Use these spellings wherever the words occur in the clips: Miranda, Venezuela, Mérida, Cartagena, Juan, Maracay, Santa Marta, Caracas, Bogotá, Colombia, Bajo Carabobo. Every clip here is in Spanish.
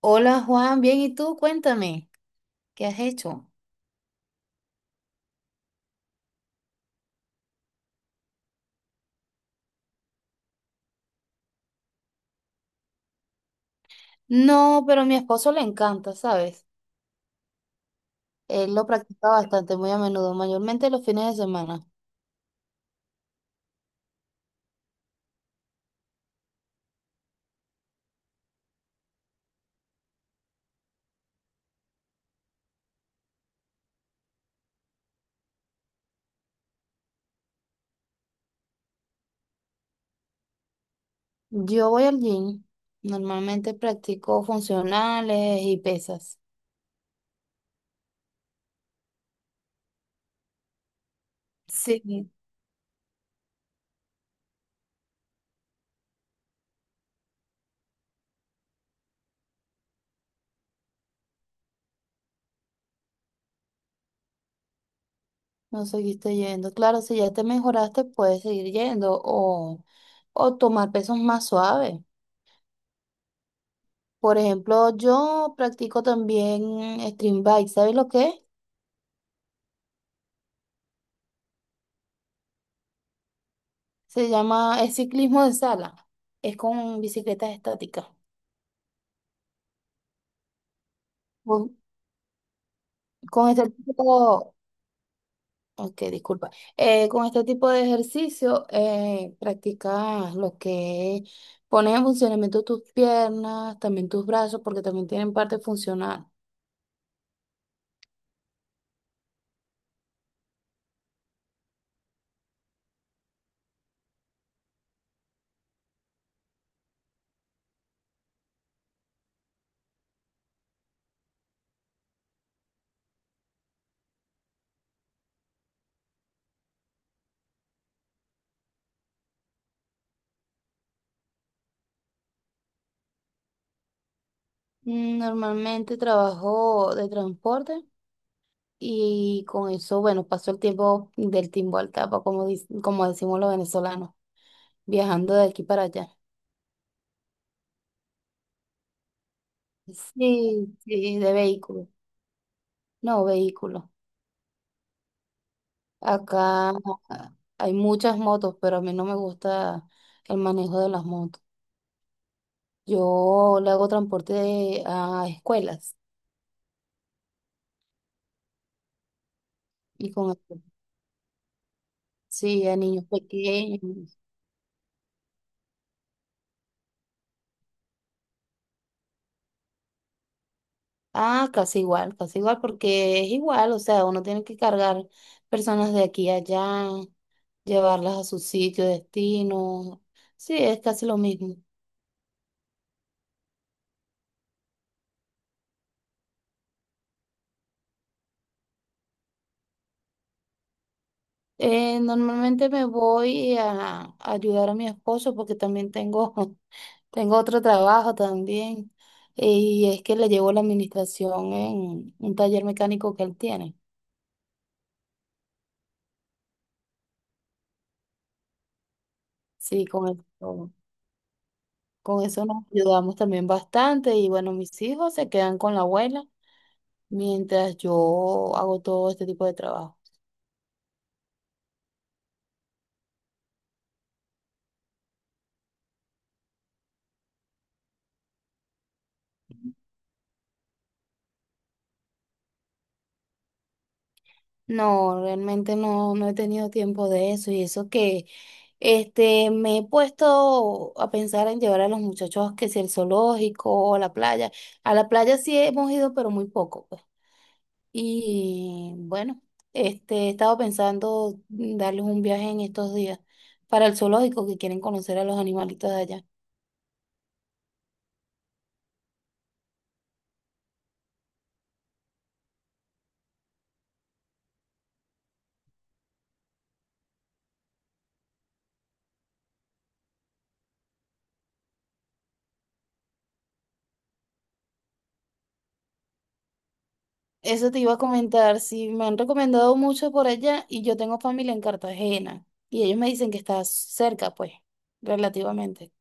Hola Juan, bien, ¿y tú? Cuéntame, ¿qué has hecho? No, pero a mi esposo le encanta, ¿sabes? Él lo practica bastante, muy a menudo, mayormente los fines de semana. Yo voy al gym, normalmente practico funcionales y pesas. Sí. No seguiste yendo. Claro, si ya te mejoraste, puedes seguir yendo o tomar pesos más suaves. Por ejemplo, yo practico también stream bike, ¿sabes lo que es? Se llama es ciclismo de sala. Es con bicicletas estáticas. Con, con este tipo, ok, disculpa. Con este tipo de ejercicio practicas lo que es pones en funcionamiento tus piernas, también tus brazos, porque también tienen parte funcional. Normalmente trabajo de transporte y con eso, bueno, paso el tiempo del timbo al tapa, como, como decimos los venezolanos, viajando de aquí para allá. Sí, sí, de vehículo. No, vehículos. Acá hay muchas motos, pero a mí no me gusta el manejo de las motos. Yo le hago a escuelas y con eso, sí, a niños pequeños. Ah, casi igual, porque es igual, o sea, uno tiene que cargar personas de aquí a allá, llevarlas a su sitio, de destino. Sí, es casi lo mismo. Normalmente me voy a ayudar a mi esposo porque también tengo tengo otro trabajo también y es que le llevo la administración en un taller mecánico que él tiene. Sí, con el- con eso nos ayudamos también bastante y bueno, mis hijos se quedan con la abuela mientras yo hago todo este tipo de trabajo. No, realmente no, no he tenido tiempo de eso y eso que este, me he puesto a pensar en llevar a los muchachos que si el zoológico o la playa. A la playa sí hemos ido, pero muy poco. Y bueno, este, he estado pensando darles un viaje en estos días para el zoológico que quieren conocer a los animalitos de allá. Eso te iba a comentar, si me han recomendado mucho por allá y yo tengo familia en Cartagena y ellos me dicen que está cerca, pues, relativamente.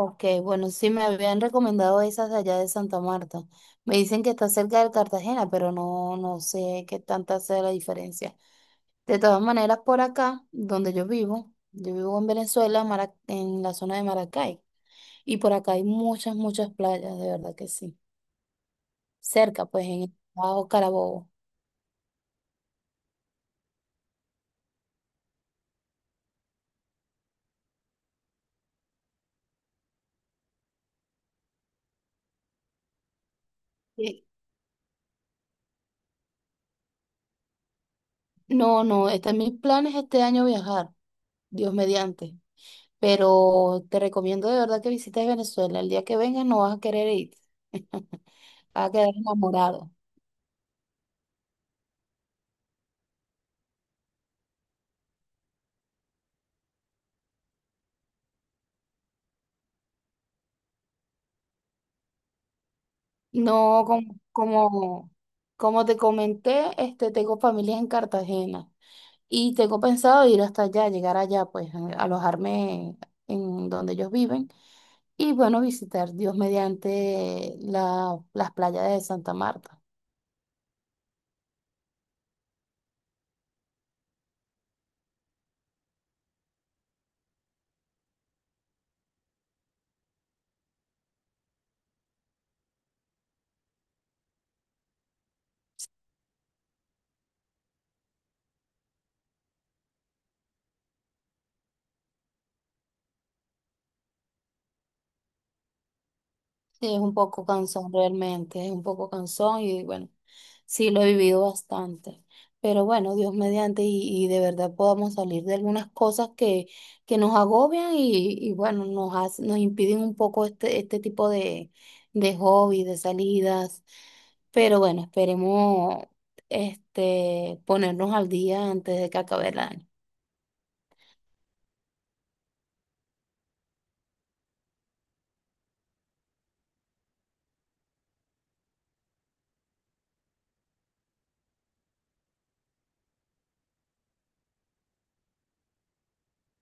Ok, bueno, sí me habían recomendado esas de allá de Santa Marta. Me dicen que está cerca de Cartagena, pero no, no sé qué tanta sea la diferencia. De todas maneras, por acá, donde yo vivo en Venezuela, en la zona de Maracay, y por acá hay muchas, muchas playas, de verdad que sí. Cerca, pues, en el Bajo Carabobo. Y- No, no, están mis planes este año viajar, Dios mediante, pero te recomiendo de verdad que visites Venezuela. El día que vengas no vas a querer ir, vas a quedar enamorado. No, como, como, como te comenté, este, tengo familias en Cartagena. Y tengo pensado ir hasta allá, llegar allá, pues alojarme en donde ellos viven y bueno, visitar Dios mediante las playas de Santa Marta. Sí, es un poco cansón realmente, es un poco cansón y bueno, sí lo he vivido bastante. Pero bueno, Dios mediante y de verdad podamos salir de algunas cosas que nos agobian y bueno, nos impiden un poco este, este tipo de hobbies, de salidas. Pero bueno, esperemos este, ponernos al día antes de que acabe el año.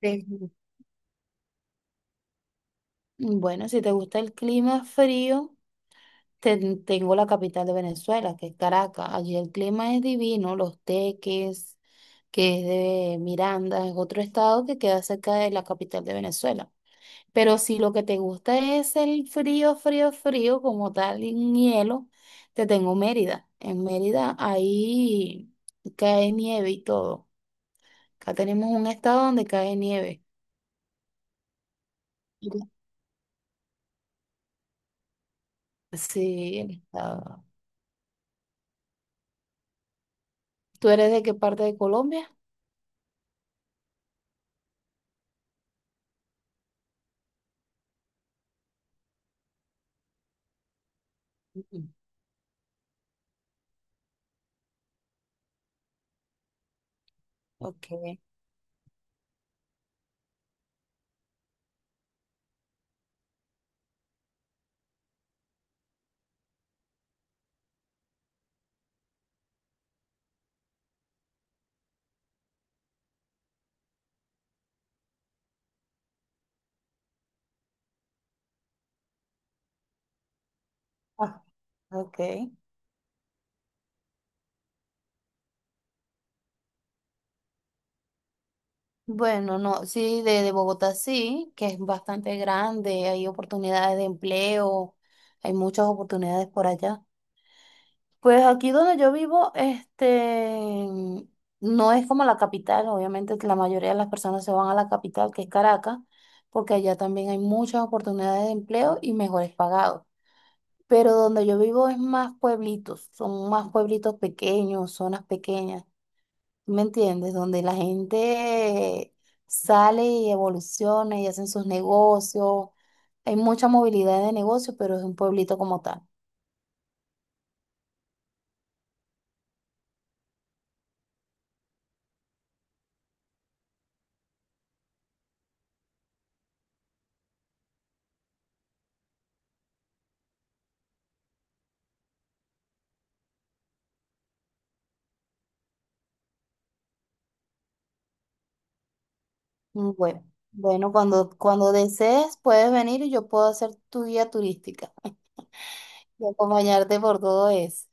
Sí. Bueno, si te gusta el clima frío. Tengo la capital de Venezuela, que es Caracas. Allí el clima es divino, los teques, que es de Miranda, es otro estado que queda cerca de la capital de Venezuela. Pero si lo que te gusta es el frío, frío, frío, como tal, en hielo, te tengo Mérida. En Mérida ahí cae nieve y todo. Acá tenemos un estado donde cae nieve. Ujú. Sí, el estado. ¿Tú eres de qué parte de Colombia? Ujú. Ok. Ah, ok. Bueno, no, sí, de Bogotá sí, que es bastante grande, hay oportunidades de empleo, hay muchas oportunidades por allá. Pues aquí donde yo vivo, este, no es como la capital, obviamente la mayoría de las personas se van a la capital, que es Caracas, porque allá también hay muchas oportunidades de empleo y mejores pagados. Pero donde yo vivo es más pueblitos, son más pueblitos pequeños, zonas pequeñas. ¿Me entiendes? Donde la gente sale y evoluciona y hacen sus negocios. Hay mucha movilidad de negocios, pero es un pueblito como tal. Bueno, bueno, cuando desees puedes venir y yo puedo hacer tu guía turística y acompañarte por todo eso.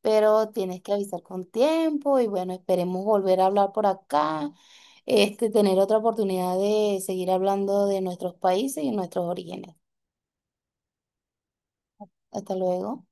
Pero tienes que avisar con tiempo y bueno, esperemos volver a hablar por acá, este, tener otra oportunidad de seguir hablando de nuestros países y nuestros orígenes. Hasta luego.